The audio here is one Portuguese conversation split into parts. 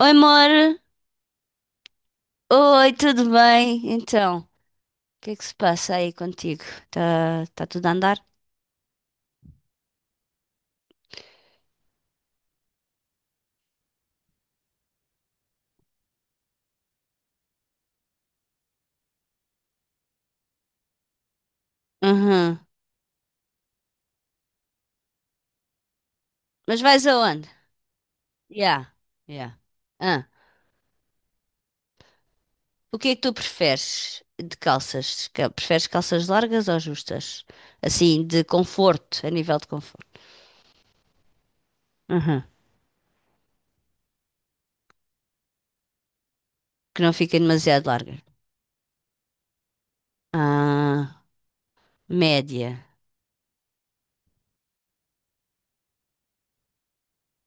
Oi, amor. Oi, tudo bem? Então, o que é que se passa aí contigo? Tá tudo a andar? Uhum. Mas vais aonde? Yeah, yeah. Ah, o que é que tu preferes de calças? Preferes calças largas ou justas? Assim, de conforto, a nível de conforto. Uhum. Que não fiquem demasiado largas. Ah, média.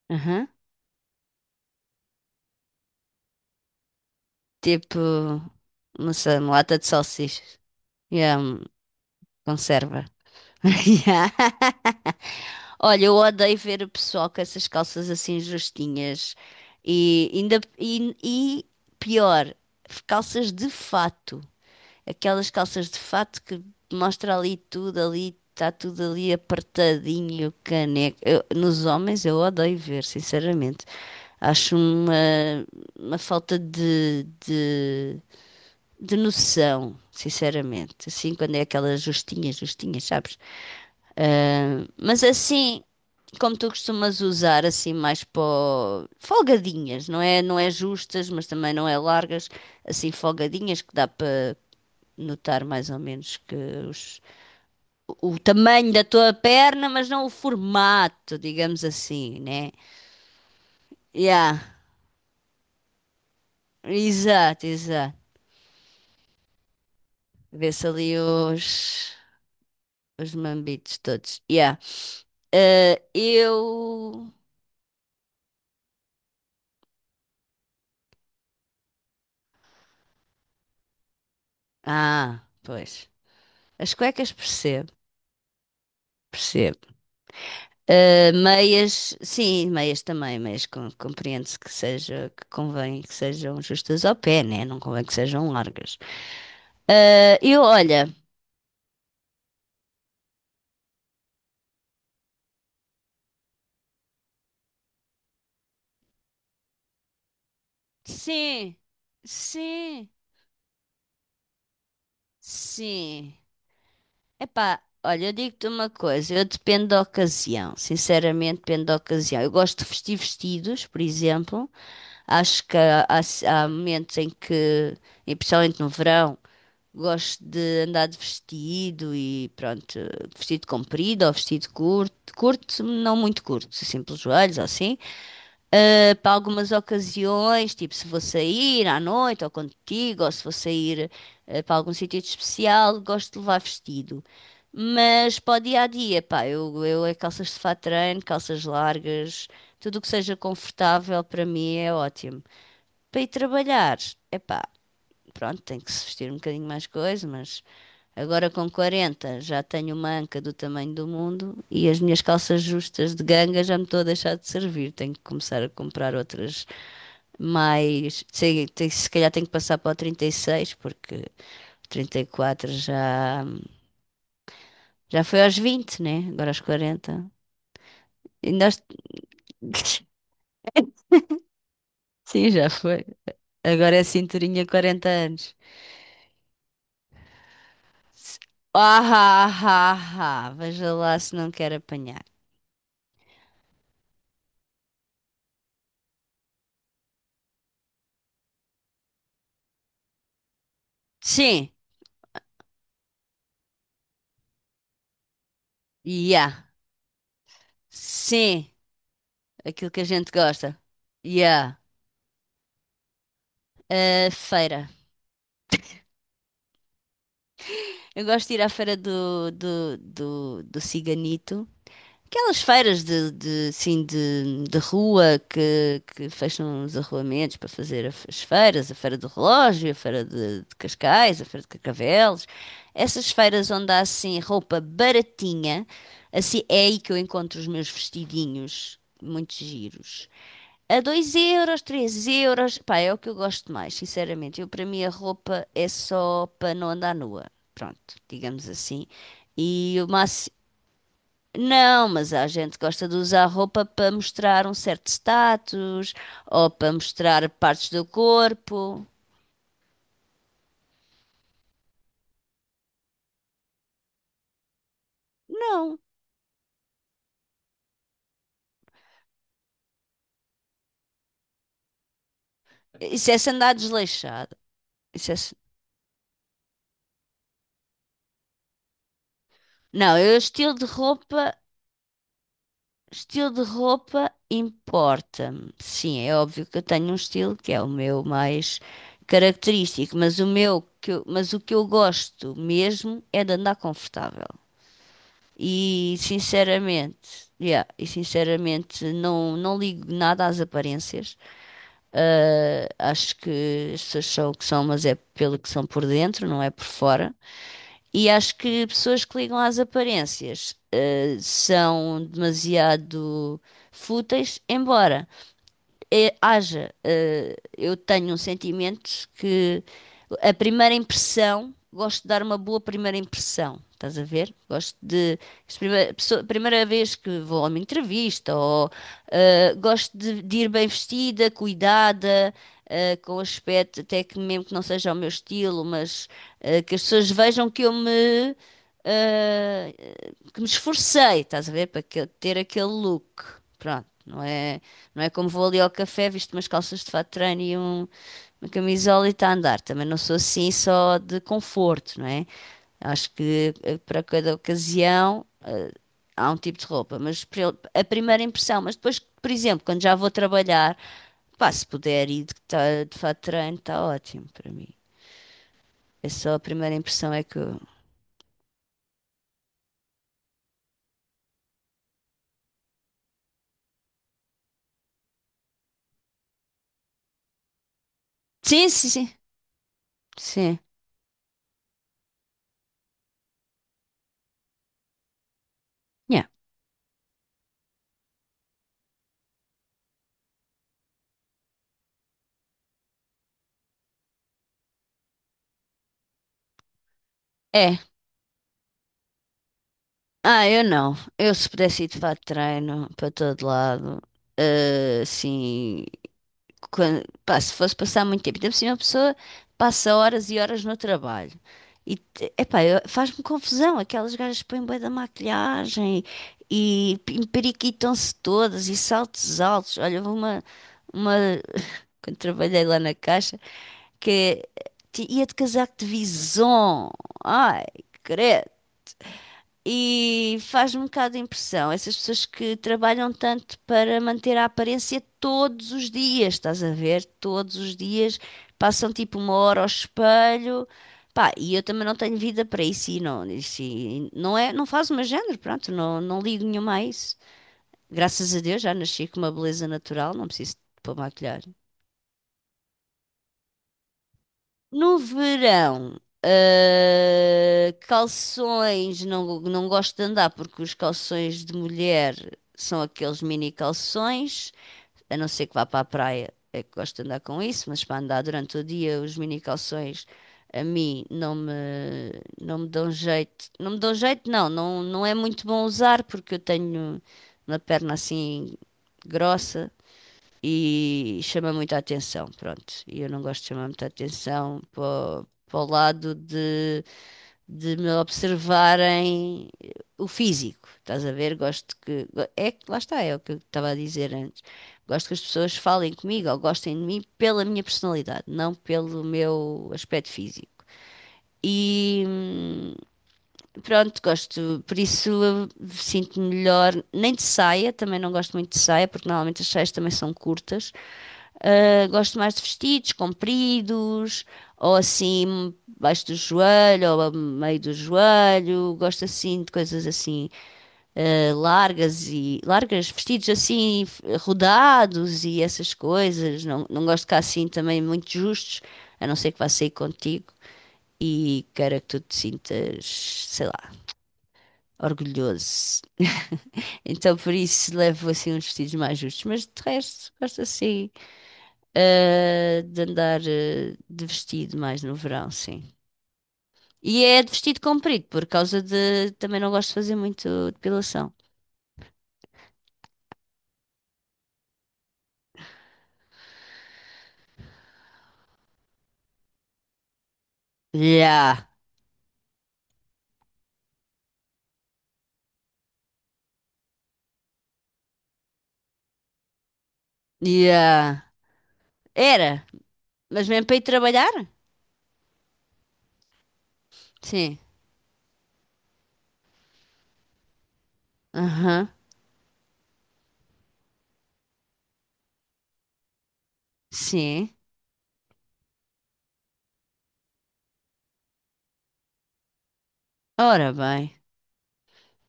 Uhum. Tipo, não sei, uma lata de salsichas. Yeah, conserva. Yeah. Olha, eu odeio ver o pessoal com essas calças assim justinhas e pior, calças de fato, aquelas calças de fato que mostra ali tudo ali, está tudo ali apertadinho, caneco. Nos homens eu odeio ver, sinceramente. Acho uma falta de noção, sinceramente. Assim, quando é aquelas justinhas, justinhas, sabes? Mas assim, como tu costumas usar, assim, mais folgadinhas, não é justas, mas também não é largas, assim, folgadinhas que dá para notar mais ou menos que os- o tamanho da tua perna, mas não o formato, digamos assim, né? Yeah, exato, exato. Vê-se ali os mambitos todos. Yeah. Ah, eu. Ah, pois. As cuecas percebo, percebo. Meias, sim, meias também, meias compreende-se que seja, que convém que sejam justas ao pé, né? Não convém que sejam largas. Eu, olha, sim, sim, sim. Epá, olha, eu digo-te uma coisa, eu dependo da ocasião, sinceramente dependo da ocasião. Eu gosto de vestir vestidos, por exemplo, acho que há momentos em que, e principalmente no verão, gosto de andar de vestido e pronto, vestido comprido ou vestido curto, curto, não muito curto, assim pelos joelhos ou assim. Para algumas ocasiões, tipo se vou sair à noite ou contigo, ou se vou sair para algum sítio de especial, gosto de levar vestido. Mas para o dia a dia, pá, eu é calças de fato de treino, calças largas, tudo o que seja confortável para mim é ótimo. Para ir trabalhar, é pá, pronto, tem que se vestir um bocadinho mais coisa, mas agora com 40 já tenho uma anca do tamanho do mundo e as minhas calças justas de ganga já me estou a deixar de servir. Tenho que começar a comprar outras mais. Sei, se calhar tenho que passar para o 36 porque 34 já, já foi aos 20, né? Agora aos 40. E nós... Sim, já foi. Agora é cinturinha 40 anos. Ah, ah, ah, ah. Ah. Veja lá se não quer apanhar. Sim, já. Sim. Aquilo que a gente gosta. Yeah. A feira. Eu gosto de ir à feira do Ciganito. Aquelas feiras assim, de rua que fecham os arruamentos para fazer as feiras, a feira do relógio, a feira de Cascais, a feira de Carcavelos. Essas feiras onde há assim roupa baratinha, assim é aí que eu encontro os meus vestidinhos muito giros. A 2 euros, 3 euros, pá, é o que eu gosto mais, sinceramente. Eu, para mim, a roupa é só para não andar nua. Pronto, digamos assim. E o máximo. Não, mas há gente que gosta de usar roupa para mostrar um certo status ou para mostrar partes do corpo. Não, isso é se andar desleixado. Isso é se- Não, eu estilo de roupa. Estilo de roupa importa-me. Sim, é óbvio que eu tenho um estilo que é o meu mais característico, mas o que eu gosto mesmo é de andar confortável. E sinceramente, yeah, e sinceramente não ligo nada às aparências. Acho que as pessoas são o que são, mas é pelo que são por dentro, não é por fora. E acho que pessoas que ligam às aparências, são demasiado fúteis, embora haja, eu tenho um sentimento que a primeira impressão, gosto de dar uma boa primeira impressão, estás a ver? Gosto de, as prime- a pessoa- a primeira vez que vou a uma entrevista, ou gosto de ir bem vestida, cuidada, com aspecto até que mesmo que não seja o meu estilo, mas que as pessoas vejam que eu me ah, que me esforcei, estás a ver, ter aquele look. Pronto, não é, não é como vou ali ao café, visto umas calças de fato de treino e uma camisola e está a andar. Também não sou assim só de conforto, não é? Acho que para cada ocasião há um tipo de roupa, mas a primeira impressão, mas depois, por exemplo, quando já vou trabalhar, pá, se puder ir de, tá, de fato de treino, está ótimo para mim. É só a primeira impressão é que eu... Sim, sim, sim. Sim. Yeah. É. Ah, eu não. Eu se pudesse ir de fato de treino para todo lado, assim, pá, se fosse passar muito tempo, ainda por cima a pessoa passa horas e horas no trabalho. E, epá, faz-me confusão, aquelas gajas que põem bué da maquilhagem e periquitam se todas e saltos altos. Olha, houve uma, quando trabalhei lá na caixa, que ia de casaco de vison. Ai, credo. E faz-me um bocado de impressão, essas pessoas que trabalham tanto para manter a aparência todos os dias, estás a ver? Todos os dias passam tipo uma hora ao espelho, pá, e eu também não tenho vida para isso, e não é, não faz o meu género, pronto, não ligo nenhuma a isso. Graças a Deus já nasci com uma beleza natural, não preciso de pôr maquilhar. No verão, calções, não gosto de andar porque os calções de mulher são aqueles mini calções, a não ser que vá para a praia, é que gosto de andar com isso, mas para andar durante o dia, os mini calções a mim não me dão jeito. Não me dão jeito, não é muito bom usar porque eu tenho uma perna assim grossa e chama muita atenção, pronto. E eu não gosto de chamar muita atenção para, para o lado de me observarem o físico, estás a ver? É que lá está, é o que eu estava a dizer antes. Gosto que as pessoas falem comigo ou gostem de mim pela minha personalidade, não pelo meu aspecto físico. E. hum, Pronto, gosto, por isso sinto-me melhor. Nem de saia, também não gosto muito de saia, porque normalmente as saias também são curtas. Gosto mais de vestidos compridos, ou assim, baixo do joelho, ou a meio do joelho. Gosto assim de coisas assim, largas e largas, vestidos assim, rodados e essas coisas. Não gosto de cá assim também muito justos, a não ser que vá sair contigo e queira que tu te sintas, sei lá, orgulhoso. Então, por isso, levo assim uns vestidos mais justos. Mas de resto, gosto assim, de andar, de vestido mais no verão, sim. E é de vestido comprido, por causa de. Também não gosto de fazer muito depilação. Yeah, yeah. Era, mas mesmo para ir trabalhar? Sim. Aham, sim. Ora bem.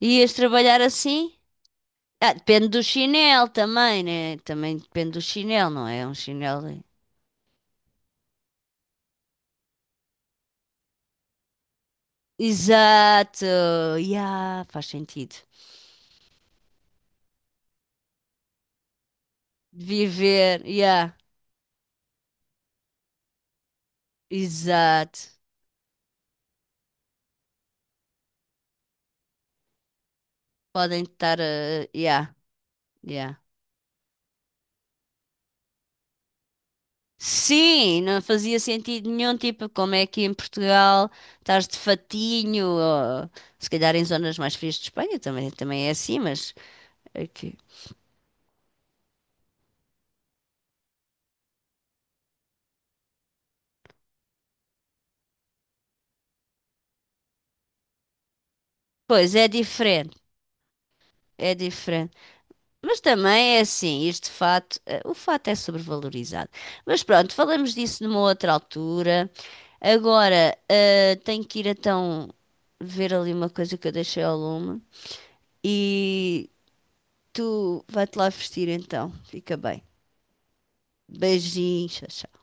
Ias trabalhar assim? Ah, depende do chinelo também, né? Também depende do chinelo, não é? Um chinelo. Exato, yeah, faz sentido. Viver, yeah, exato. Podem estar, yeah, yeah. Sim, não fazia sentido nenhum, tipo, como é que em Portugal estás de fatinho, ou, se calhar em zonas mais frias de Espanha também é assim, mas aqui. Pois é diferente, é diferente. Mas também é assim, este fato, o fato é sobrevalorizado. Mas pronto, falamos disso numa outra altura. Agora, tenho que ir então ver ali uma coisa que eu deixei ao lume. E tu vai-te lá vestir então. Fica bem. Beijinhos, tchau. Tchau.